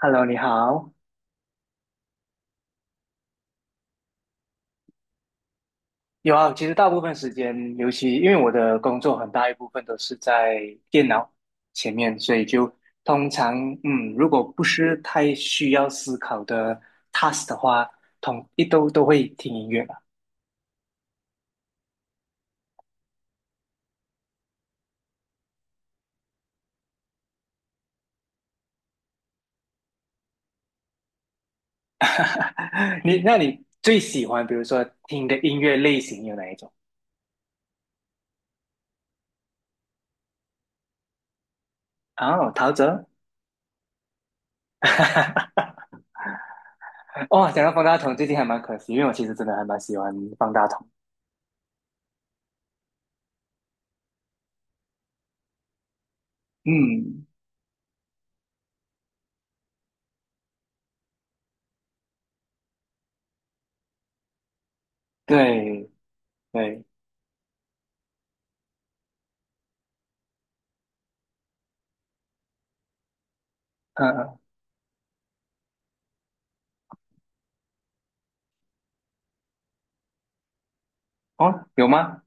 Hello，你好。有啊，其实大部分时间，尤其因为我的工作很大一部分都是在电脑前面，所以就通常，如果不是太需要思考的 task 的话，统一都会听音乐吧。你，那你最喜欢，比如说听的音乐类型有哪一种？哦，陶喆。哦，讲到方大同，最近还蛮可惜，因为我其实真的还蛮喜欢方大同。嗯，对对，嗯嗯哦，有吗？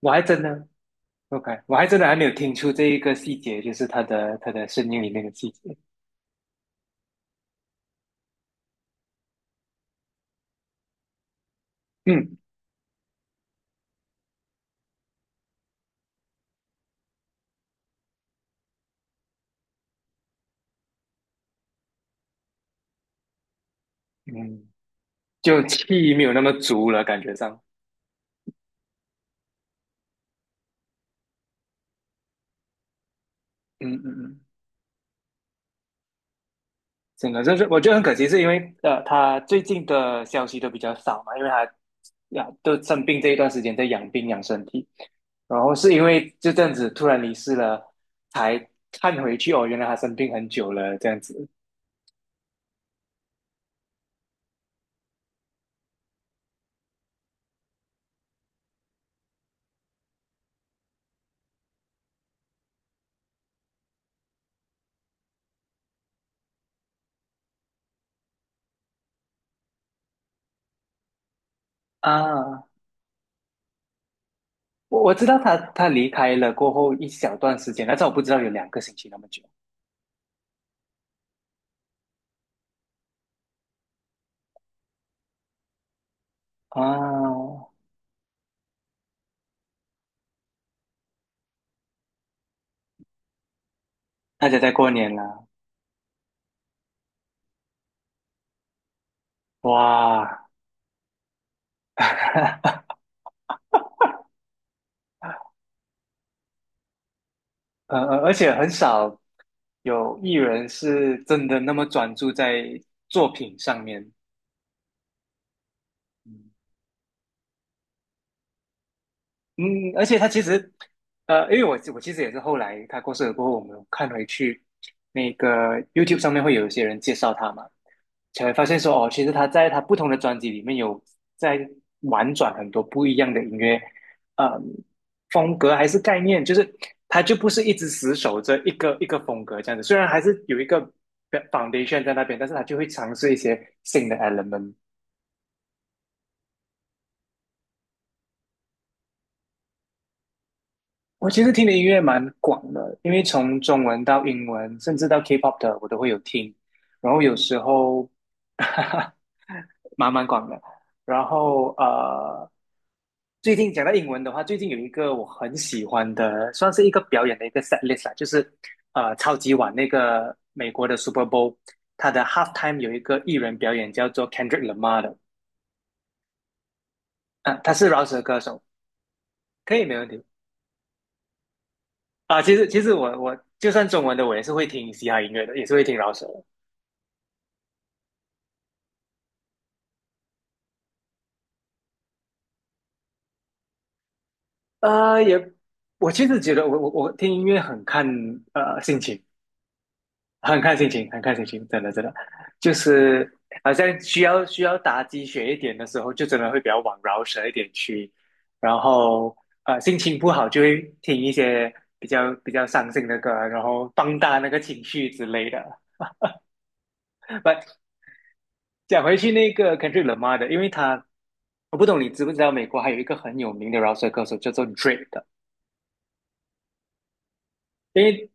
我还真的，OK,我还真的还没有听出这一个细节，就是他的声音里面的细节。嗯嗯，就气没有那么足了，感觉上。嗯嗯嗯，真的，就是我觉得很可惜，是因为他最近的消息都比较少嘛，因为他呀都生病这一段时间在养病养身体，然后是因为就这样子突然离世了，才看回去哦，原来他生病很久了，这样子啊。我知道他离开了过后一小段时间，但是我不知道有两个星期那么久啊。大家在过年了，哇，而且很少有艺人是真的那么专注在作品上面。嗯，嗯而且他其实，因为我其实也是后来他过世了过后，我们有看回去那个 YouTube 上面会有一些人介绍他嘛，才会发现说，哦，其实他在他不同的专辑里面有在玩转很多不一样的音乐，嗯，风格还是概念，就是他就不是一直死守着一个风格这样子。虽然还是有一个 foundation 在那边，但是他就会尝试一些新的 element。我其实听的音乐蛮广的，因为从中文到英文，甚至到 K-pop 的我都会有听，然后有时候 蛮广的，然后呃。最近讲到英文的话，最近有一个我很喜欢的，算是一个表演的一个 set list 啦，就是超级碗那个美国的 Super Bowl,它的 halftime 有一个艺人表演叫做 Kendrick Lamar 的，啊，他是饶舌歌手，可以没问题啊。其实我就算中文的，我也是会听嘻哈音乐的，也是会听饶舌的。呃，也我其实觉得我听音乐很看心情，很看心情，很看心情，真的真的，就是好像需要打鸡血一点的时候，就真的会比较往饶舌一点去，然后心情不好就会听一些比较伤心的歌，然后放大那个情绪之类的。不，讲回去那个 Kendrick Lamar 的，因为他我不懂你知不知道美国还有一个很有名的饶舌歌手叫做 Drake 的，因为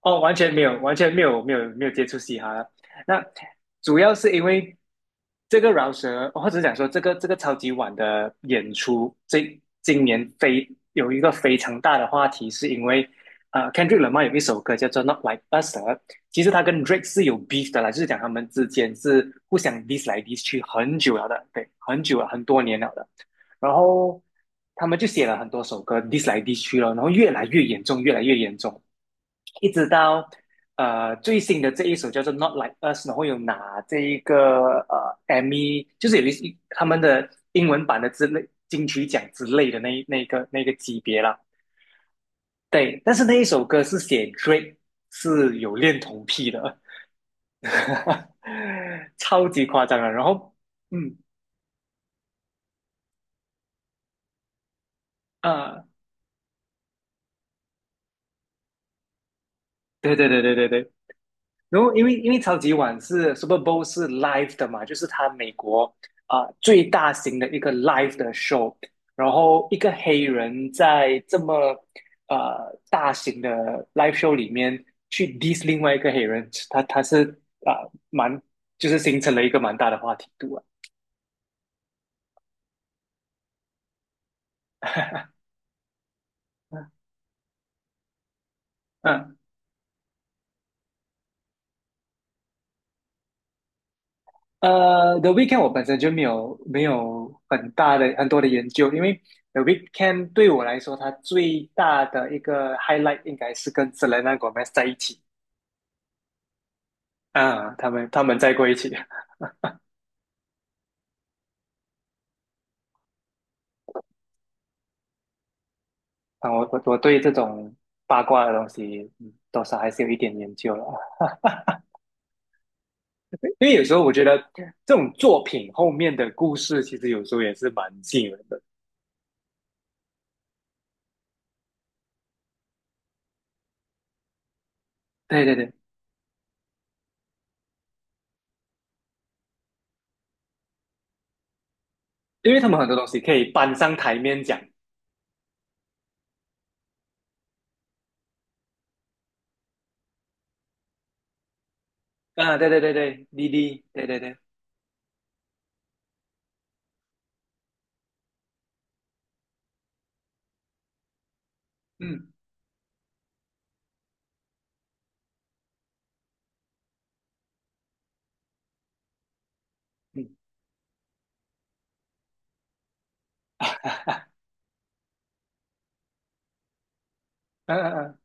哦，完全没有，完全没有，没有，没有接触嘻哈了。那主要是因为这个饶舌，或者讲说这个超级碗的演出，这今年非有一个非常大的话题，是因为Kendrick Lamar 有一首歌叫做《Not Like Us》,其实他跟 Drake 是有 beef 的啦，就是讲他们之间是互相 diss 来 diss 去很久了的，对，很久了，很多年了的。然后他们就写了很多首歌 diss 来 diss 去了，然后越来越严重，越来越严重。一直到最新的这一首叫做《Not Like Us》,然后有拿这一个就是他们的英文版的之类金曲奖之类的那那个级别啦。对，但是那一首歌是写 Drake 是有恋童癖的，超级夸张啊！然后嗯啊、呃对对对对对对，然后因为因为超级碗是 Super Bowl 是 live 的嘛，就是它美国最大型的一个 live 的 show,然后一个黑人在这么呃大型的 live show 里面去 diss 另外一个黑人，他是蛮就是形成了一个蛮大的话题度啊，嗯。The Weeknd e 我本身就没有很多的研究，因为 The Weeknd e 对我来说，它最大的一个 highlight 应该是跟 Selena Gomez 在一起啊，他们在过一起啊，我对这种八卦的东西嗯多少还是有一点研究了，因为有时候我觉得这种作品后面的故事，其实有时候也是蛮吸引人的。对对对，因为他们很多东西可以搬上台面讲啊，对对对对，滴滴，对对对，嗯。嗯嗯嗯嗯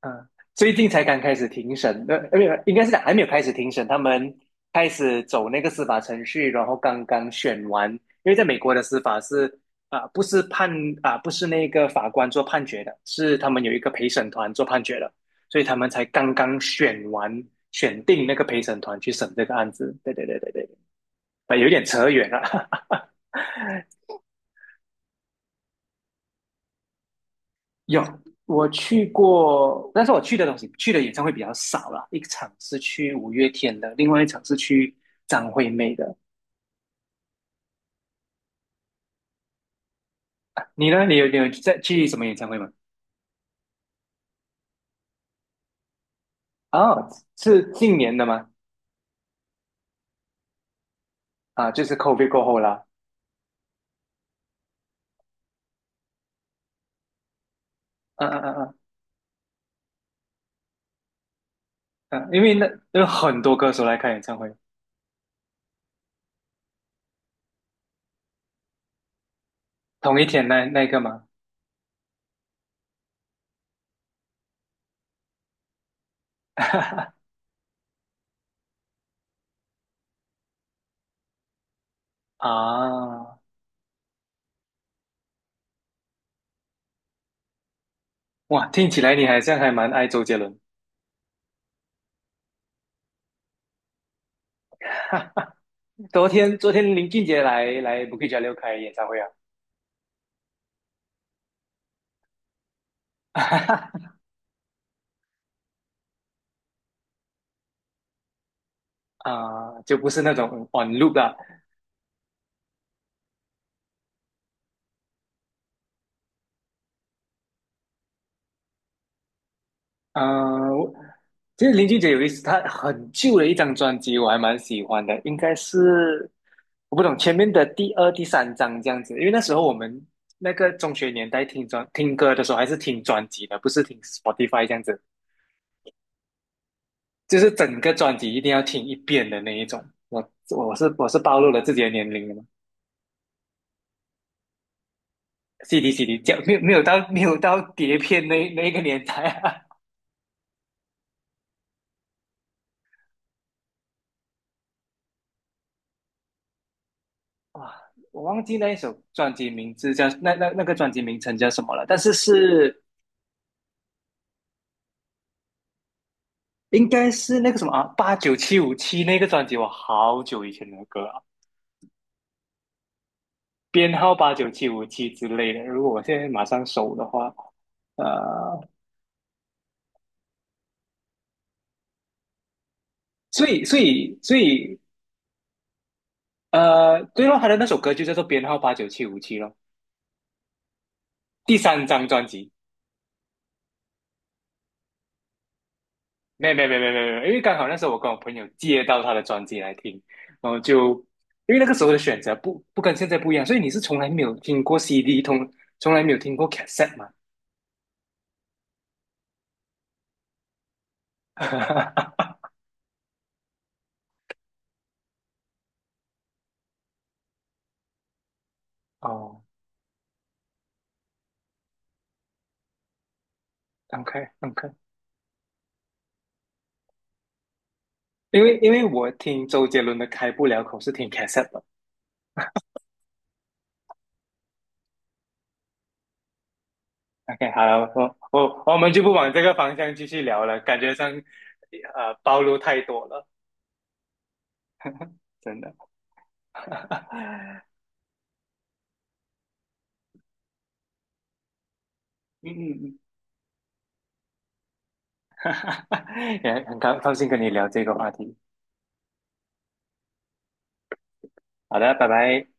嗯，最近才刚开始庭审的，没有，应该是讲还没有开始庭审，他们开始走那个司法程序，然后刚刚选完，因为在美国的司法是啊、不是判不是那个法官做判决的，是他们有一个陪审团做判决的，所以他们才刚刚选完，选定那个陪审团去审这个案子。对对对对对，啊有点扯远了。有，我去过，但是我去的去的演唱会比较少啦。一场是去五月天的，另外一场是去张惠妹的。你呢？你有在去什么演唱会吗？哦，是近年的吗？啊，就是 COVID 过后啦。嗯嗯嗯嗯嗯，因为那有很多歌手来开演唱会，同一天那那个吗？啊，哇，听起来你好像还蛮爱周杰伦。昨天林俊杰来 Bukit Jalil 开演唱会啊。啊、就不是那种 on l o 啦。嗯、我其实林俊杰有意思，他很旧的一张专辑，我还蛮喜欢的，应该是我不懂前面的第二、第三张这样子，因为那时候我们那个中学年代听听歌的时候，还是听专辑的，不是听 Spotify 这样子，就是整个专辑一定要听一遍的那一种。我我是暴露了自己的年龄了嘛CD CD 讲没有到碟片那一个年代啊。哇，我忘记那一首专辑名字叫那专辑名称叫什么了，但是是应该是那个什么啊，八九七五七那个专辑，我好久以前的歌啊，编号八九七五七之类的。如果我现在马上搜的话，呃，所以呃，对咯，他的那首歌就叫做编号八九七五七咯，第三张专辑。没有因为刚好那时候我跟我朋友借到他的专辑来听，然后就因为那个时候的选择不不跟现在不一样，所以你是从来没有听过 CD,从来没有听过 cassette 吗？哦，OK OK,因为我听周杰伦的《开不了口》是听 cassette 的。OK,好了，我们就不往这个方向继续聊了，感觉上呃暴露太多了，真的。嗯嗯嗯，也很高高兴跟你聊这个话题。好的，拜拜。